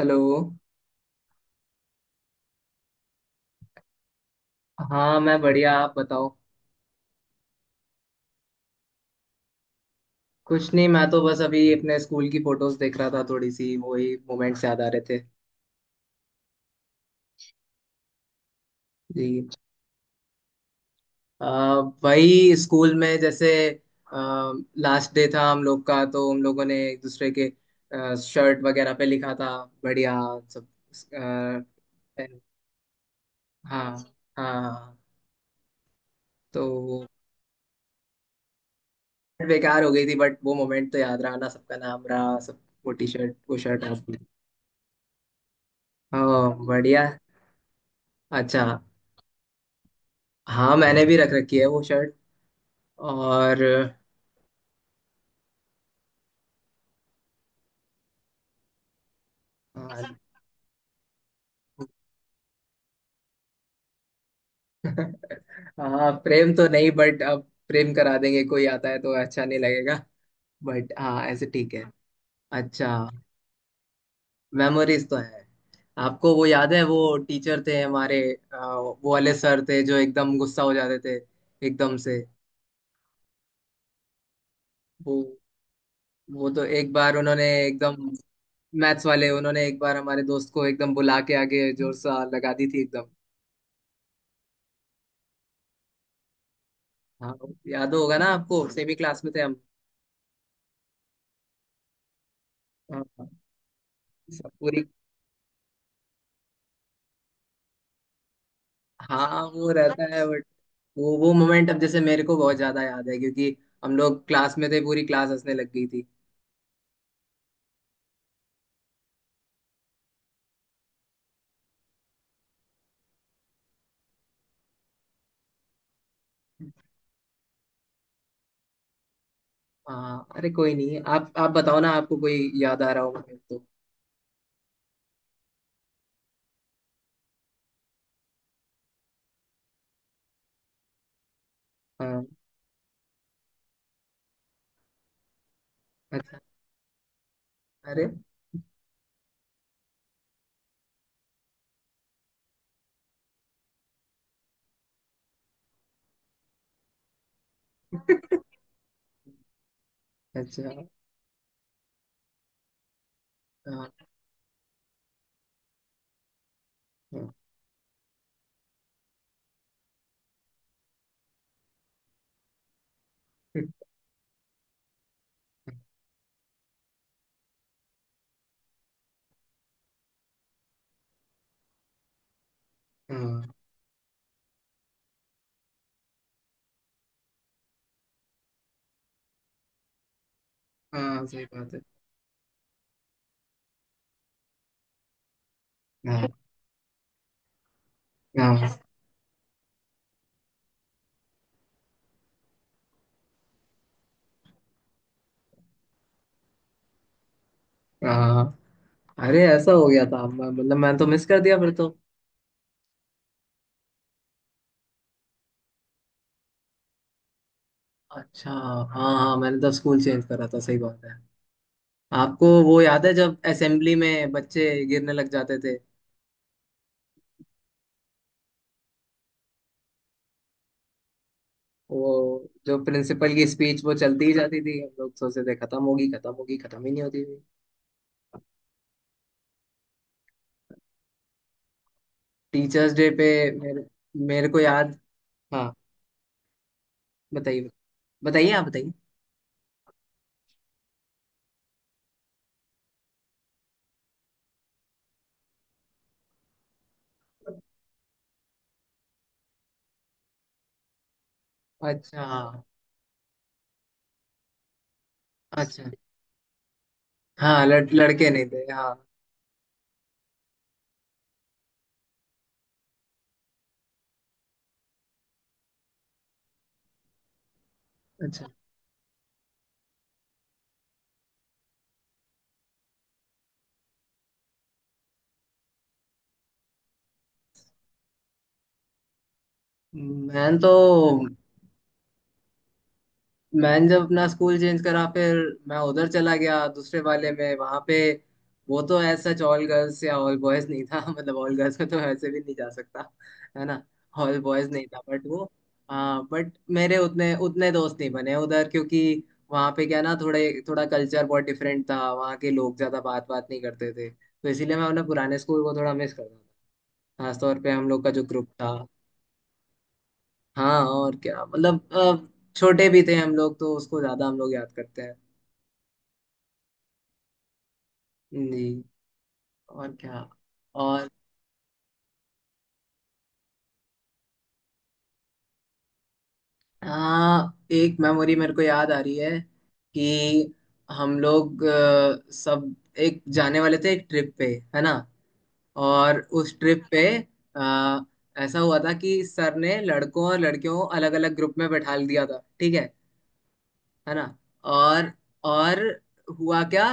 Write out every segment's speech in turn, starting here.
Hello. हाँ, मैं बढ़िया, आप बताओ। कुछ नहीं, मैं तो बस अभी अपने स्कूल की फोटोज देख रहा था, थोड़ी सी वही मोमेंट्स याद आ रहे थे। जी। अ, वही स्कूल में, जैसे लास्ट डे था हम लोग का, तो हम लोगों ने एक दूसरे के शर्ट वगैरह पे लिखा था बढ़िया सब। अ, हाँ, हाँ, तो वो बेकार हो गई थी, बट वो मोमेंट तो याद रहा ना, सबका नाम रहा सब। वो टी शर्ट, वो शर्ट आपने। हाँ, बढ़िया। अच्छा। हाँ, मैंने भी रख रखी है वो शर्ट। और कसम। हाँ, प्रेम तो नहीं, बट अब प्रेम करा देंगे, कोई आता है तो अच्छा नहीं लगेगा। बट हाँ, ऐसे ठीक है। अच्छा। मेमोरीज तो है। आपको वो याद है, वो टीचर थे हमारे? वो वाले सर थे जो एकदम गुस्सा हो जाते थे, एकदम से। वो वो तो एक बार उन्होंने एकदम, मैथ्स वाले उन्होंने एक बार हमारे दोस्त को एकदम बुला के आगे जोर सा लगा दी थी एकदम। हाँ। याद होगा ना आपको, सेमी क्लास में थे हम। हाँ, सब पूरी। हाँ वो रहता है, बट वो मोमेंट अब जैसे मेरे को बहुत ज्यादा याद है, क्योंकि हम लोग क्लास में थे, पूरी क्लास हंसने लग गई थी। हाँ। अरे कोई नहीं, आप बताओ ना, आपको कोई याद आ रहा होगा फिर तो। हाँ। अच्छा। अरे। अच्छा। हाँ, हाँ, हाँ, हाँ, सही बात है। हाँ, हाँ, हाँ। अरे ऐसा हो गया था, मतलब मैंने तो मिस कर दिया फिर तो। अच्छा, हाँ। हाँ, मैंने तो स्कूल चेंज करा था, सही बात है। आपको वो याद है जब असेंबली में बच्चे गिरने लग जाते थे? वो जो प्रिंसिपल की स्पीच वो चलती ही जाती थी, हम लोग सोचते थे खत्म होगी, खत्म होगी, खत्म ही नहीं होती थी। टीचर्स डे पे मेरे मेरे को याद। हाँ, बताइए, बताइए, आप बताइए। अच्छा। हाँ। अच्छा। हाँ, लड़के नहीं थे, हाँ। अच्छा। मैं तो मैंने जब अपना स्कूल चेंज करा, फिर मैं उधर चला गया दूसरे वाले में, वहां पे वो तो ऐसा ऑल गर्ल्स या ऑल बॉयज नहीं था। मतलब ऑल गर्ल्स में तो ऐसे भी नहीं जा सकता, है ना। ऑल बॉयज नहीं था, बट वो, हाँ। बट मेरे उतने उतने दोस्त नहीं बने उधर, क्योंकि वहाँ पे क्या ना, थोड़े थोड़ा कल्चर बहुत डिफरेंट था, वहाँ के लोग ज़्यादा बात बात नहीं करते थे, तो इसीलिए मैं अपने पुराने स्कूल को थोड़ा मिस करता था, खासतौर पे हम लोग का जो ग्रुप था। हाँ, और क्या मतलब, छोटे भी थे हम लोग, तो उसको ज़्यादा हम लोग याद करते हैं। नहीं। और क्या। और हाँ, एक मेमोरी मेरे को याद आ रही है कि हम लोग सब एक जाने वाले थे एक ट्रिप पे, है ना। और उस ट्रिप पे अ, ऐसा हुआ था कि सर ने लड़कों और लड़कियों को अलग अलग ग्रुप में बैठा दिया था, ठीक है ना। और और हुआ क्या,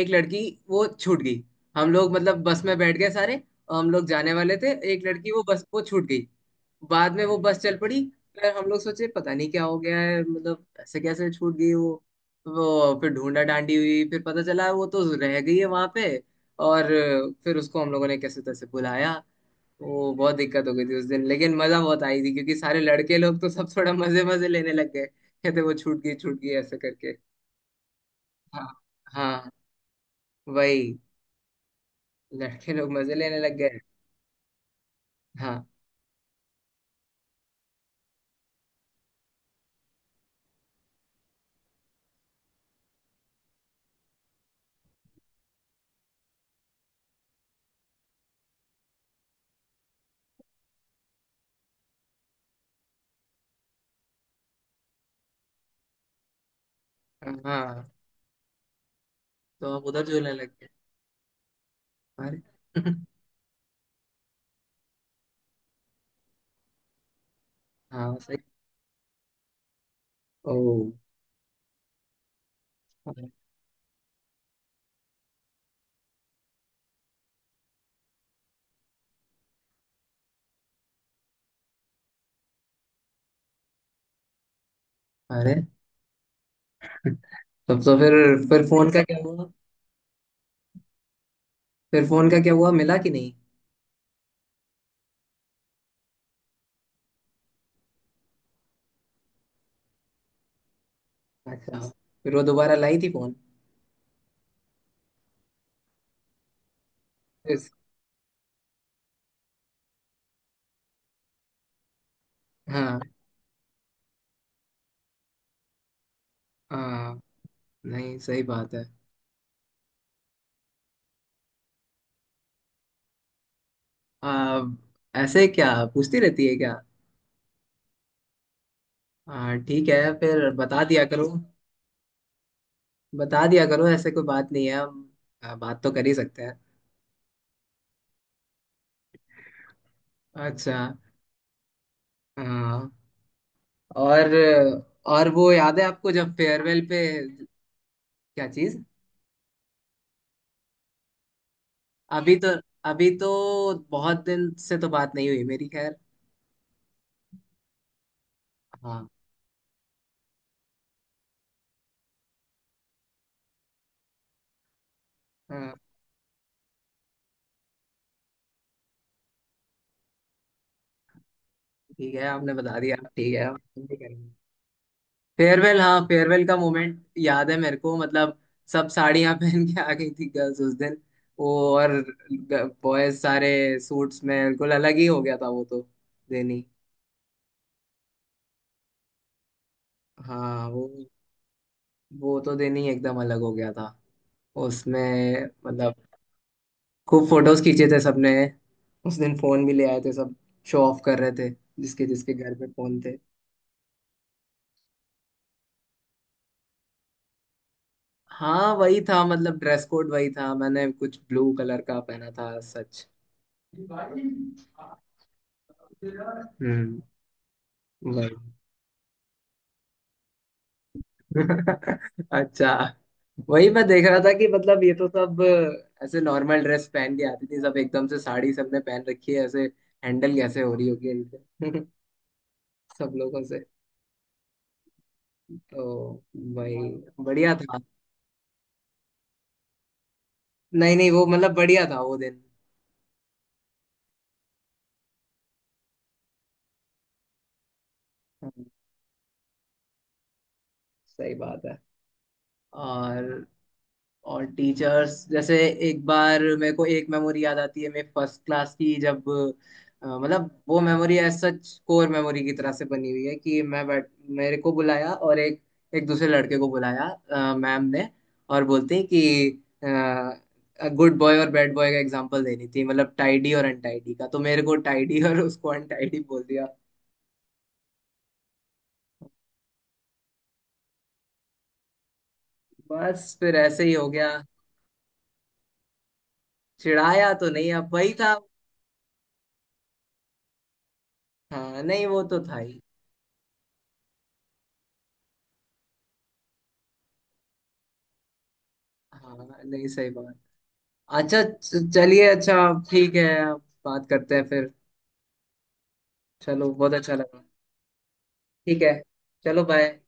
एक लड़की वो छूट गई। हम लोग मतलब बस में बैठ गए सारे, और हम लोग जाने वाले थे, एक लड़की वो बस, वो छूट गई। बाद में वो बस चल पड़ी। फिर हम लोग सोचे पता नहीं क्या हो गया है, मतलब ऐसे कैसे छूट गई वो। वो फिर ढूंढा डांडी हुई, फिर पता चला वो तो रह गई है वहां पे। और फिर उसको हम लोगों ने कैसे तैसे बुलाया। वो बहुत दिक्कत हो गई थी उस दिन, लेकिन मजा बहुत आई थी, क्योंकि सारे लड़के लोग तो सब थोड़ा मजे मजे लेने लग गए, कहते वो छूट गई, छूट गई ऐसे करके। हाँ। हाँ, वही। लड़के लोग मजे लेने लग गए। हाँ। हाँ, तो आप उधर झूलने लग गए। अरे। हाँ, सही। ओ। अरे। तब तो फिर। फिर फोन का क्या हुआ फिर फोन का क्या हुआ, मिला कि नहीं? अच्छा। फिर वो दोबारा लाई थी फोन? इस- हाँ। हाँ, नहीं, सही बात है। आ, ऐसे क्या? पूछती रहती है क्या? हाँ, ठीक है, फिर बता दिया करो। बता दिया करो, ऐसे कोई बात नहीं है, हम बात तो कर ही सकते हैं। अच्छा। हाँ। और और वो याद है आपको जब फेयरवेल पे? क्या चीज? अभी तो, अभी तो बहुत दिन से तो बात नहीं हुई मेरी, खैर। हाँ। हाँ, ठीक है, आपने बता दिया, ठीक है, हम भी करेंगे। फेयरवेल का मोमेंट याद है मेरे को, मतलब सब साड़ियां पहन के आ गई थी गर्ल्स उस दिन। वो, और बॉयज सारे सूट्स में, बिल्कुल अलग ही हो गया था वो तो, दिन ही। हाँ वो तो दिन ही एकदम अलग हो गया था उसमें, मतलब खूब फोटोज खींचे थे सबने, उस दिन फोन भी ले आए थे सब, शो ऑफ कर रहे थे, जिसके जिसके घर पे फोन थे। हाँ, वही था मतलब, ड्रेस कोड वही था, मैंने कुछ ब्लू कलर का पहना था, सच। हम्म। वही। अच्छा। वही मैं देख रहा था कि मतलब, ये तो सब ऐसे नॉर्मल ड्रेस पहन के आती थी, सब एकदम से साड़ी सबने पहन रखी है ऐसे, हैंडल कैसे हो रही होगी इनसे। सब लोगों से। तो वही बढ़िया था। नहीं, नहीं, वो मतलब बढ़िया था वो दिन। हाँ, सही बात है। और और टीचर्स जैसे, एक बार मेरे को एक मेमोरी याद आती है मेरे फर्स्ट क्लास की, जब मतलब वो memory as such core memory की तरह से बनी हुई है कि मैं बैठ मेरे को बुलाया और एक एक दूसरे लड़के को बुलाया मैम ने। और बोलते हैं कि गुड बॉय और बैड बॉय का एग्जांपल देनी थी, मतलब टाइडी और अनटाइडी का, तो मेरे को टाइडी और उसको अनटाइडी बोल दिया। बस, फिर ऐसे ही हो गया। चिढ़ाया तो नहीं, अब वही था। हाँ नहीं, वो तो था ही। हाँ, नहीं, सही बात। अच्छा, चलिए। अच्छा, ठीक है। अब बात करते हैं फिर। चलो, बहुत अच्छा लगा। ठीक है, चलो, बाय।